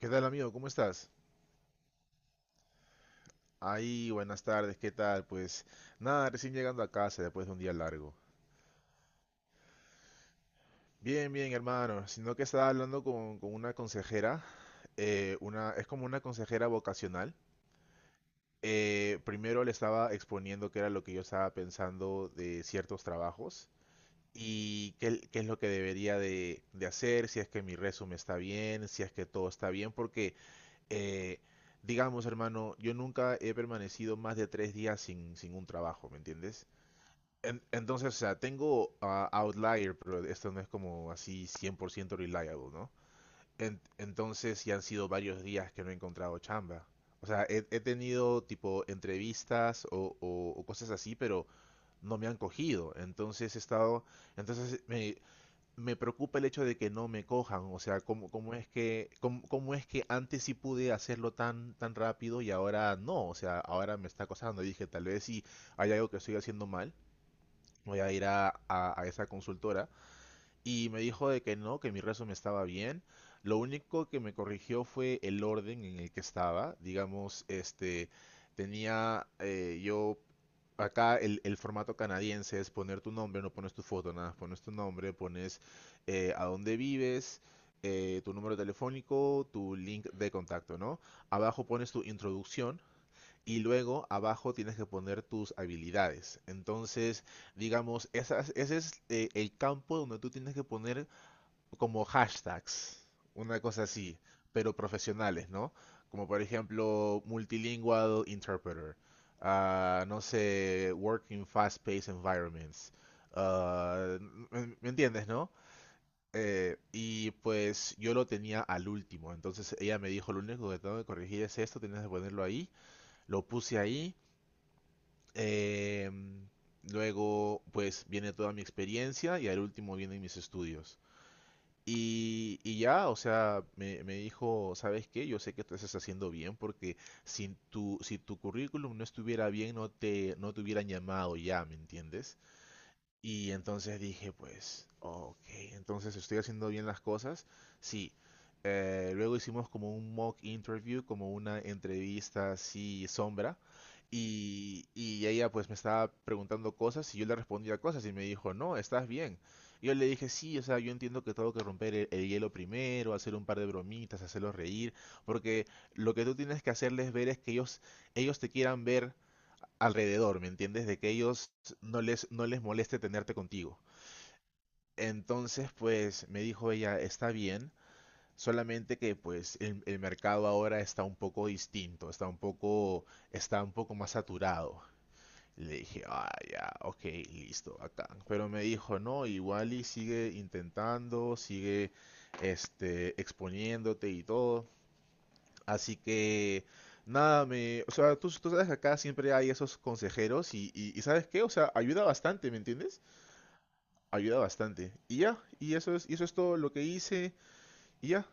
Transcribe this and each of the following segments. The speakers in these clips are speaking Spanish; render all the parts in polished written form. ¿Qué tal, amigo? ¿Cómo estás? Ahí, buenas tardes, ¿qué tal? Pues nada, recién llegando a casa después de un día largo. Bien, bien, hermano. Sino que estaba hablando con una consejera, una, es como una consejera vocacional. Primero le estaba exponiendo qué era lo que yo estaba pensando de ciertos trabajos y qué es lo que debería de hacer, si es que mi resumen está bien, si es que todo está bien, porque eh, digamos, hermano, yo nunca he permanecido más de tres días sin un trabajo, ¿me entiendes? Entonces, o sea, tengo outlier, pero esto no es como así 100% reliable, ¿no? Entonces, ya han sido varios días que no he encontrado chamba. O sea, he tenido tipo entrevistas o cosas así, pero no me han cogido. Entonces he estado, entonces me preocupa el hecho de que no me cojan, o sea, cómo es que, cómo es que antes sí pude hacerlo tan rápido y ahora no, o sea, ahora me está acosando. Dije, tal vez si hay algo que estoy haciendo mal, voy a ir a esa consultora y me dijo de que no, que mi resumen estaba bien. Lo único que me corrigió fue el orden en el que estaba. Digamos, este, tenía yo acá el formato canadiense es poner tu nombre, no pones tu foto, nada, más pones tu nombre, pones a dónde vives, tu número telefónico, tu link de contacto, ¿no? Abajo pones tu introducción, y luego abajo tienes que poner tus habilidades. Entonces, digamos, esas, ese es el campo donde tú tienes que poner como hashtags, una cosa así, pero profesionales, ¿no? Como por ejemplo, multilingual interpreter, ah, no sé, working fast-paced environments. ah, ¿Me, me entiendes, no? Y pues yo lo tenía al último, entonces ella me dijo, lo único que tengo que corregir es esto, tienes que ponerlo ahí, lo puse ahí, eh, luego, pues viene toda mi experiencia y al último vienen mis estudios. Y ya, o sea, me dijo, ¿sabes qué? Yo sé que tú estás haciendo bien porque si tu currículum no estuviera bien, no te hubieran llamado ya, ¿me entiendes? Y entonces dije, pues, ok, entonces estoy haciendo bien las cosas. Sí. Luego hicimos como un mock interview, como una entrevista así sombra. Y ella pues me estaba preguntando cosas y yo le respondía cosas y me dijo, no, estás bien. Y yo le dije, sí, o sea, yo entiendo que tengo que romper el hielo primero, hacer un par de bromitas, hacerlos reír, porque lo que tú tienes que hacerles ver es que ellos te quieran ver alrededor, ¿me entiendes? De que ellos no les moleste tenerte contigo. Entonces, pues me dijo ella, está bien, solamente que pues el mercado ahora está un poco distinto, está un poco más saturado. Le dije, ah, ya, ok, listo, acá. Pero me dijo, no, igual y sigue intentando, sigue este, exponiéndote y todo. Así que, nada, me, o sea, tú sabes que acá siempre hay esos consejeros y ¿sabes qué? O sea, ayuda bastante, ¿me entiendes? Ayuda bastante. Y ya, y eso es todo lo que hice, y ya.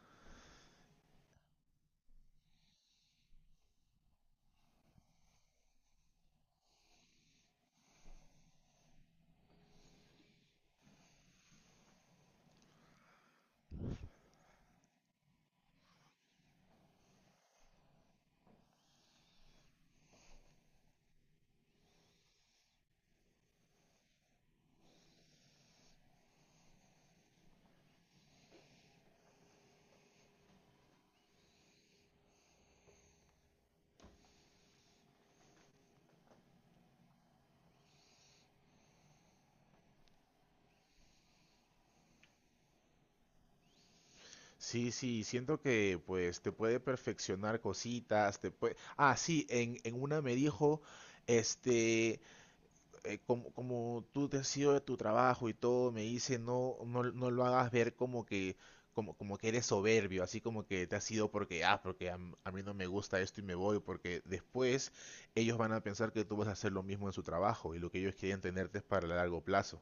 Sí, sí, siento que pues te puede perfeccionar cositas, te puede... Ah, sí, en una me dijo, este, como, como tú te has ido de tu trabajo y todo, me dice, no, no, no lo hagas ver como que, como que eres soberbio, así como que te has ido porque, ah, porque a, a mí no me gusta esto y me voy, porque después ellos van a pensar que tú vas a hacer lo mismo en su trabajo y lo que ellos quieren tenerte es para el largo plazo.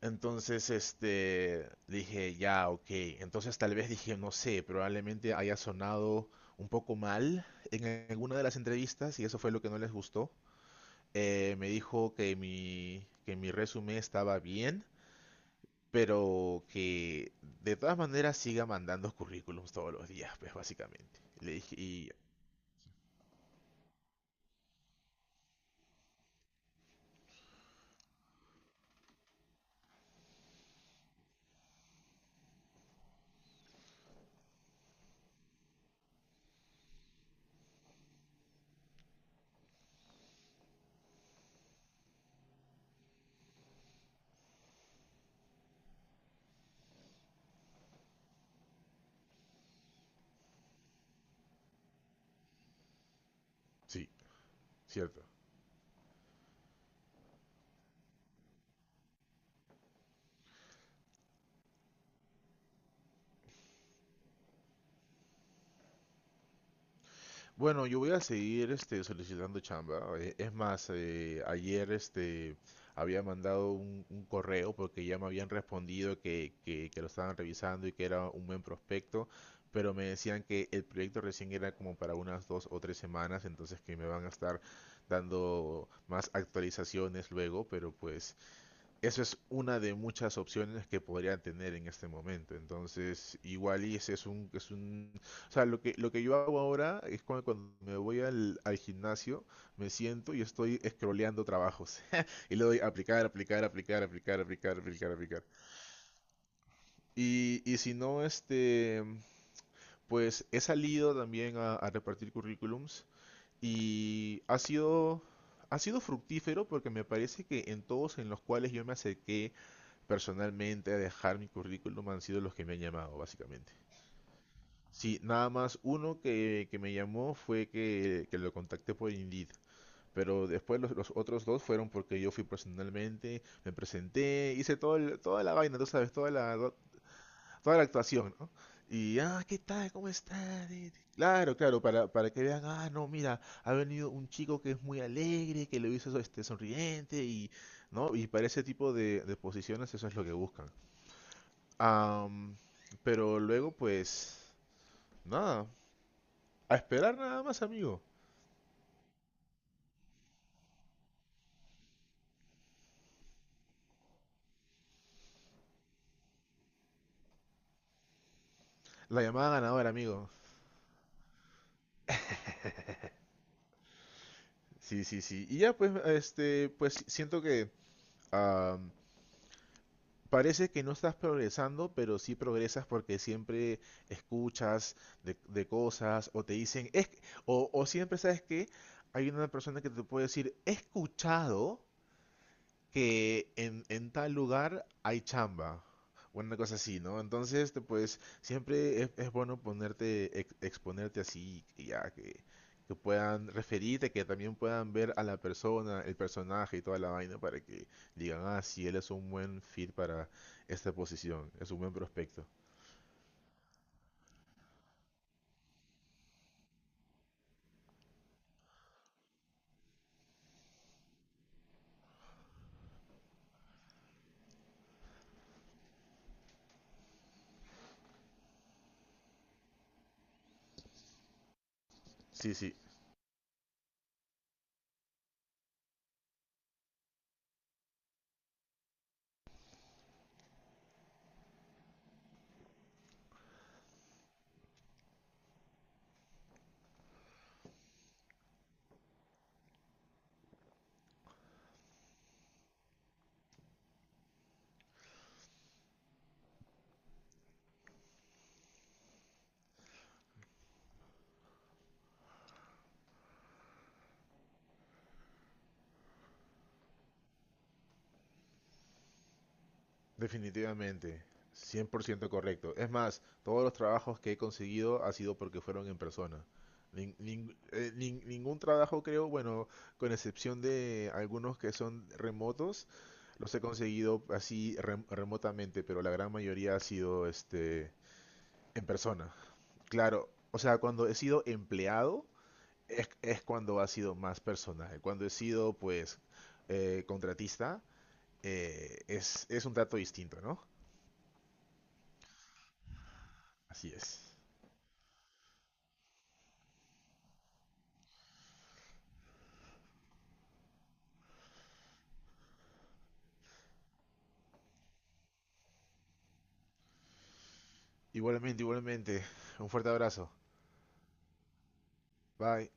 Entonces, este, dije, ya, ok. Entonces tal vez dije, no sé, probablemente haya sonado un poco mal en alguna de las entrevistas y eso fue lo que no les gustó. Me dijo que mi resumen estaba bien, pero que de todas maneras siga mandando currículums todos los días, pues básicamente. Le dije, y sí, cierto. Bueno, yo voy a seguir este, solicitando chamba. Es más, ayer este, había mandado un correo porque ya me habían respondido que lo estaban revisando y que era un buen prospecto, pero me decían que el proyecto recién era como para unas dos o tres semanas, entonces que me van a estar dando más actualizaciones luego, pero pues eso es una de muchas opciones que podrían tener en este momento. Entonces, igual y ese es un, o sea, lo que yo hago ahora es cuando me voy al gimnasio, me siento y estoy scrolleando trabajos. Y le doy aplicar, aplicar, aplicar, aplicar, aplicar, aplicar, aplicar. Y si no, este, pues he salido también a repartir currículums y ha sido fructífero porque me parece que en todos en los cuales yo me acerqué personalmente a dejar mi currículum han sido los que me han llamado, básicamente. Sí, nada más uno que me llamó fue que lo contacté por Indeed. Pero después los otros dos fueron porque yo fui personalmente, me presenté, hice toda la vaina, tú sabes, toda la actuación, ¿no? Y, ah, ¿qué tal? ¿Cómo estás? Y claro, claro, para que vean, ah, no, mira, ha venido un chico que es muy alegre, que lo hizo este, sonriente y, ¿no? Y para ese tipo de posiciones eso es lo que buscan. Am, pero luego, pues, nada, a esperar nada más, amigo. La llamada ganadora, amigo. Sí, sí, sí. Y ya, pues, este, pues siento que am, parece que no estás progresando, pero sí progresas porque siempre escuchas de cosas o te dicen, es, o siempre sabes que hay una persona que te puede decir, he escuchado que en tal lugar hay chamba, o una cosa así, ¿no? Entonces, te, pues, siempre es bueno ponerte, exponerte así, que puedan referirte, que también puedan ver a la persona, el personaje y toda la vaina para que digan, ah, sí, él es un buen fit para esta posición, es un buen prospecto. Sí, sí, definitivamente, 100% correcto. Es más, todos los trabajos que he conseguido ha sido porque fueron en persona. Ningún trabajo creo, bueno, con excepción de algunos que son remotos, los he conseguido así remotamente, pero la gran mayoría ha sido este en persona. Claro, o sea, cuando he sido empleado es cuando ha sido más personal. Cuando he sido pues contratista es un trato distinto, ¿no? Así es. Igualmente, igualmente. Un fuerte abrazo. Bye.